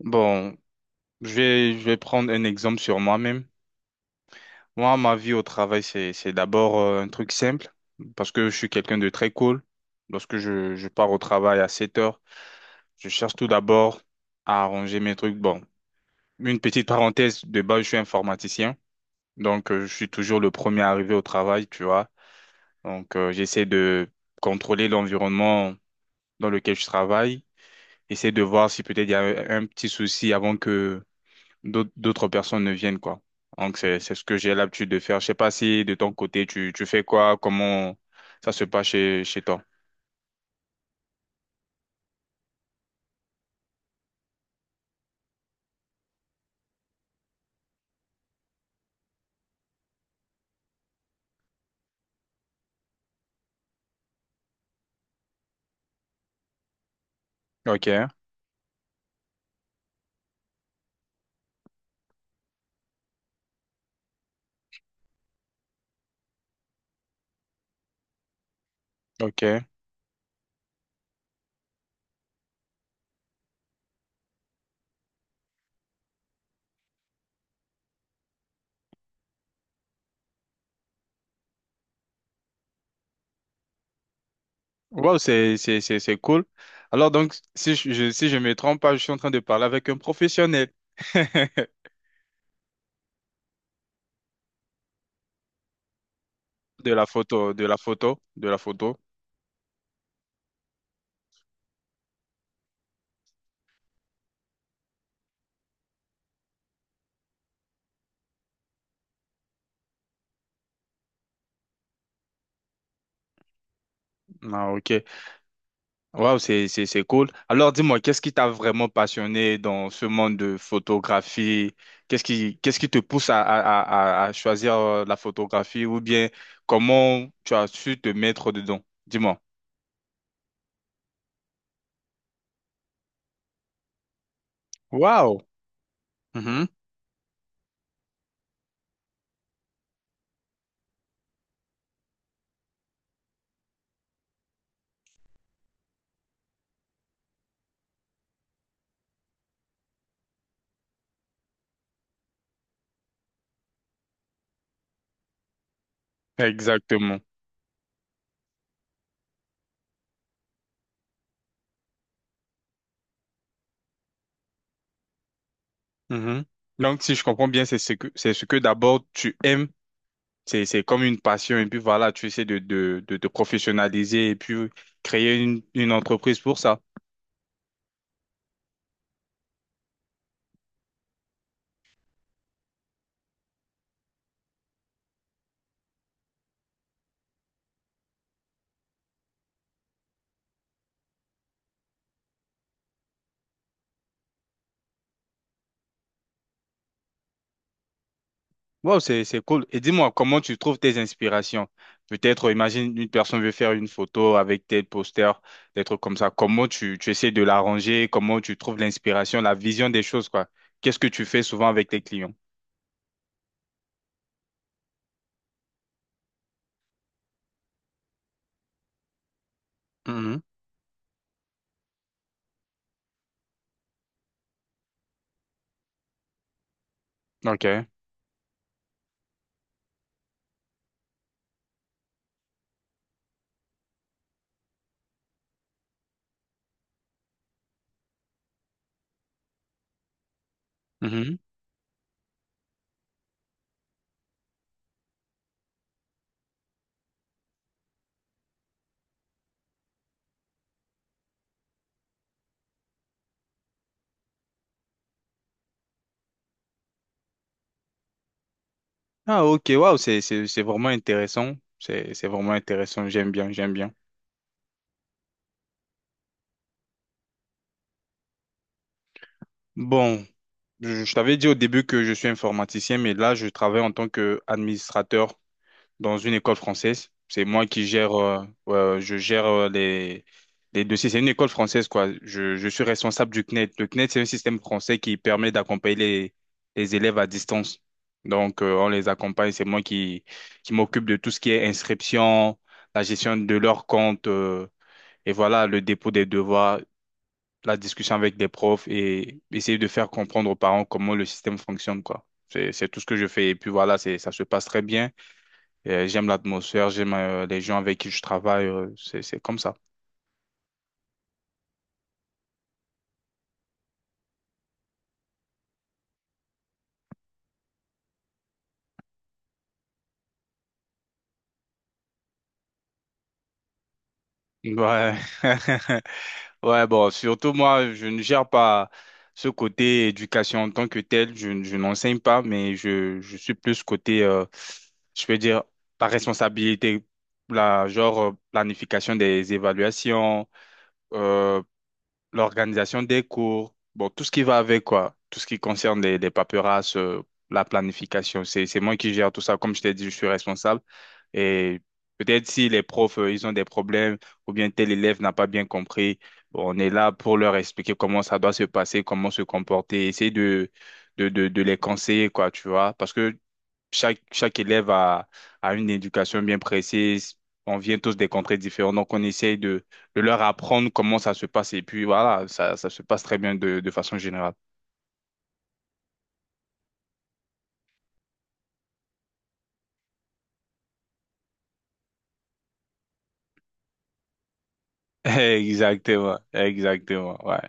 Bon, je vais prendre un exemple sur moi-même. Moi, ma vie au travail, c'est d'abord un truc simple, parce que je suis quelqu'un de très cool. Lorsque je pars au travail à 7 heures, je cherche tout d'abord à arranger mes trucs. Bon, une petite parenthèse, de base, je suis informaticien, donc je suis toujours le premier arrivé au travail, tu vois. Donc, j'essaie de contrôler l'environnement dans lequel je travaille, essayer de voir si peut-être il y a un petit souci avant que d'autres personnes ne viennent, quoi. Donc, c'est ce que j'ai l'habitude de faire. Je sais pas si de ton côté, tu fais quoi, comment ça se passe chez toi. Ok, ok. Wow, c'est cool. Alors, donc, si si je me trompe pas, je suis en train de parler avec un professionnel de la photo, de la photo, de la photo. Ah, ok. Wow, c'est cool. Alors dis-moi, qu'est-ce qui t'a vraiment passionné dans ce monde de photographie? Qu'est-ce qui te pousse à choisir la photographie ou bien comment tu as su te mettre dedans? Dis-moi. Wow. Mhm. Exactement. Mhm. Donc si je comprends bien, c'est ce que d'abord tu aimes. C'est comme une passion et puis voilà, tu essaies de te professionnaliser et puis créer une entreprise pour ça. Wow, c'est cool. Et dis-moi, comment tu trouves tes inspirations? Peut-être, imagine, une personne veut faire une photo avec tel poster, des trucs comme ça. Comment tu essaies de l'arranger? Comment tu trouves l'inspiration, la vision des choses, quoi? Qu'est-ce que tu fais souvent avec tes clients? Mhm. OK. Mhm. Ah, OK. Wow, c'est vraiment intéressant. C'est vraiment intéressant. J'aime bien, j'aime bien. Bon, je t'avais dit au début que je suis informaticien, mais là, je travaille en tant qu'administrateur dans une école française. C'est moi qui gère, je gère les dossiers. C'est une école française, quoi. Je suis responsable du CNED. Le CNED, c'est un système français qui permet d'accompagner les élèves à distance. Donc, on les accompagne. C'est moi qui m'occupe de tout ce qui est inscription, la gestion de leur compte, et voilà, le dépôt des devoirs, la discussion avec les profs et essayer de faire comprendre aux parents comment le système fonctionne, quoi. C'est tout ce que je fais. Et puis voilà, ça se passe très bien. J'aime l'atmosphère, j'aime les gens avec qui je travaille, c'est comme ça. Ouais. Ouais, bon, surtout moi, je ne gère pas ce côté éducation en tant que tel, je n'enseigne pas, mais je suis plus côté, je peux dire, la responsabilité, la, genre planification des évaluations, euh, l'organisation des cours, bon, tout ce qui va avec quoi, tout ce qui concerne les paperasses, la planification, c'est moi qui gère tout ça. Comme je t'ai dit, je suis responsable. Et peut-être si les profs, ils ont des problèmes ou bien tel élève n'a pas bien compris, on est là pour leur expliquer comment ça doit se passer, comment se comporter, essayer de les conseiller, quoi, tu vois. Parce que chaque élève a une éducation bien précise. On vient tous des contrées différentes, donc on essaye de leur apprendre comment ça se passe. Et puis voilà, ça se passe très bien de façon générale. Exactement, exactement, ouais.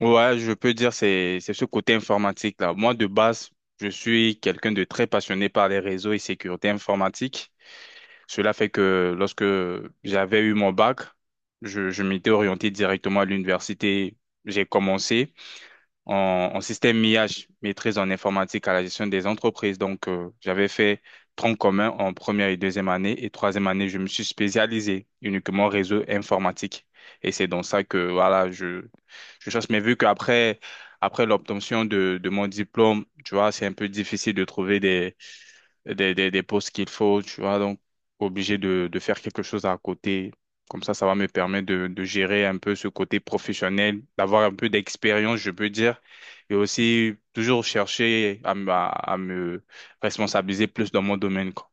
Ouais, je peux dire c'est ce côté informatique là. Moi de base, je suis quelqu'un de très passionné par les réseaux et sécurité informatique. Cela fait que lorsque j'avais eu mon bac, je m'étais orienté directement à l'université. J'ai commencé en système IH, maîtrise en informatique à la gestion des entreprises. Donc, j'avais fait tronc commun en première et deuxième année. Et troisième année, je me suis spécialisé uniquement réseau informatique. Et c'est dans ça que, voilà, je cherche. Mais vu qu'après, l'obtention de mon diplôme, tu vois, c'est un peu difficile de trouver des postes qu'il faut, tu vois, donc obligé de faire quelque chose à côté. Comme ça va me permettre de gérer un peu ce côté professionnel, d'avoir un peu d'expérience, je peux dire, et aussi toujours chercher à me responsabiliser plus dans mon domaine, quoi.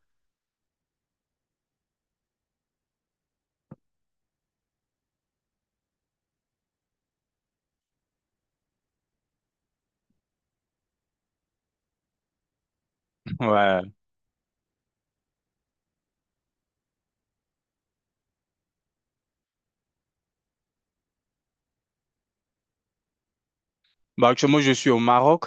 Ouais. Bah, actuellement, je suis au Maroc.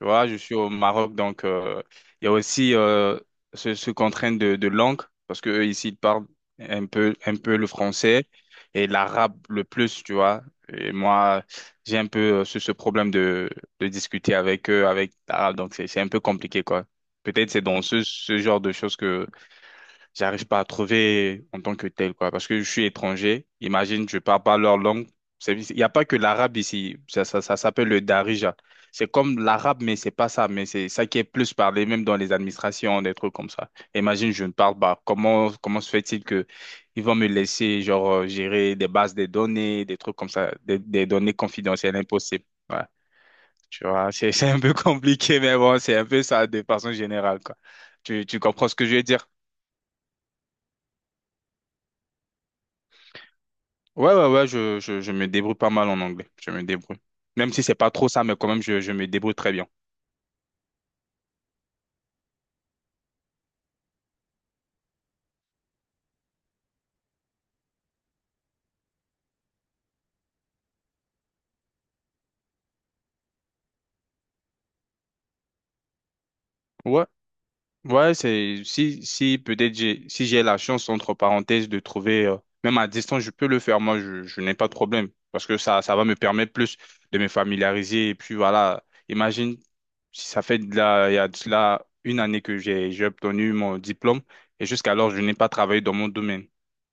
Tu vois, je suis au Maroc, donc il y a aussi ce contrainte de langue, parce que eux, ici, ils parlent un peu le français et l'arabe le plus, tu vois. Et moi, j'ai un peu ce problème de discuter avec eux, avec l'arabe, donc c'est un peu compliqué, quoi. Peut-être c'est dans ce genre de choses que j'arrive pas à trouver en tant que tel, quoi. Parce que je suis étranger. Imagine, je parle pas leur langue. Il n'y a pas que l'arabe ici. Ça s'appelle le darija. C'est comme l'arabe, mais c'est pas ça. Mais c'est ça qui est plus parlé, même dans les administrations, des trucs comme ça. Imagine, je ne parle pas. Comment se fait-il que ils vont me laisser, genre, gérer des bases de données, des trucs comme ça, des données confidentielles impossibles. Ouais. Tu vois, c'est, c'est un peu compliqué, mais bon, c'est un peu ça de façon générale, quoi. Tu comprends ce que je veux dire? Ouais, ouais, ouais, je me débrouille pas mal en anglais. Je me débrouille. Même si c'est pas trop ça, mais quand même, je me débrouille très bien. Ouais, ouais, c'est si peut-être j'ai si j'ai la chance entre parenthèses de trouver même à distance je peux le faire, moi je n'ai pas de problème parce que ça va me permettre plus de me familiariser et puis voilà, imagine, si ça fait de la il y a de cela une année que j'ai obtenu mon diplôme et jusqu'alors je n'ai pas travaillé dans mon domaine,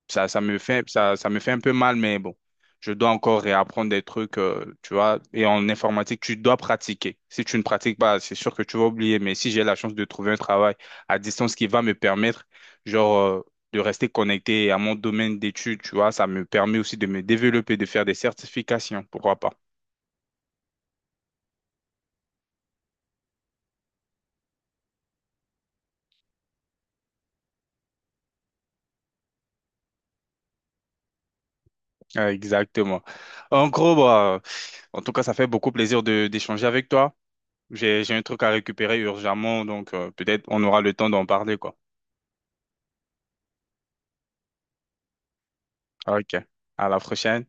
ça me fait un peu mal, mais bon, je dois encore réapprendre des trucs, tu vois. Et en informatique, tu dois pratiquer. Si tu ne pratiques pas, c'est sûr que tu vas oublier. Mais si j'ai la chance de trouver un travail à distance qui va me permettre, genre, de rester connecté à mon domaine d'études, tu vois, ça me permet aussi de me développer, de faire des certifications, pourquoi pas. Ah, exactement. En gros, bah, en tout cas, ça fait beaucoup plaisir de d'échanger avec toi. J'ai un truc à récupérer urgemment, donc peut-être on aura le temps d'en parler, quoi. Ok. À la prochaine.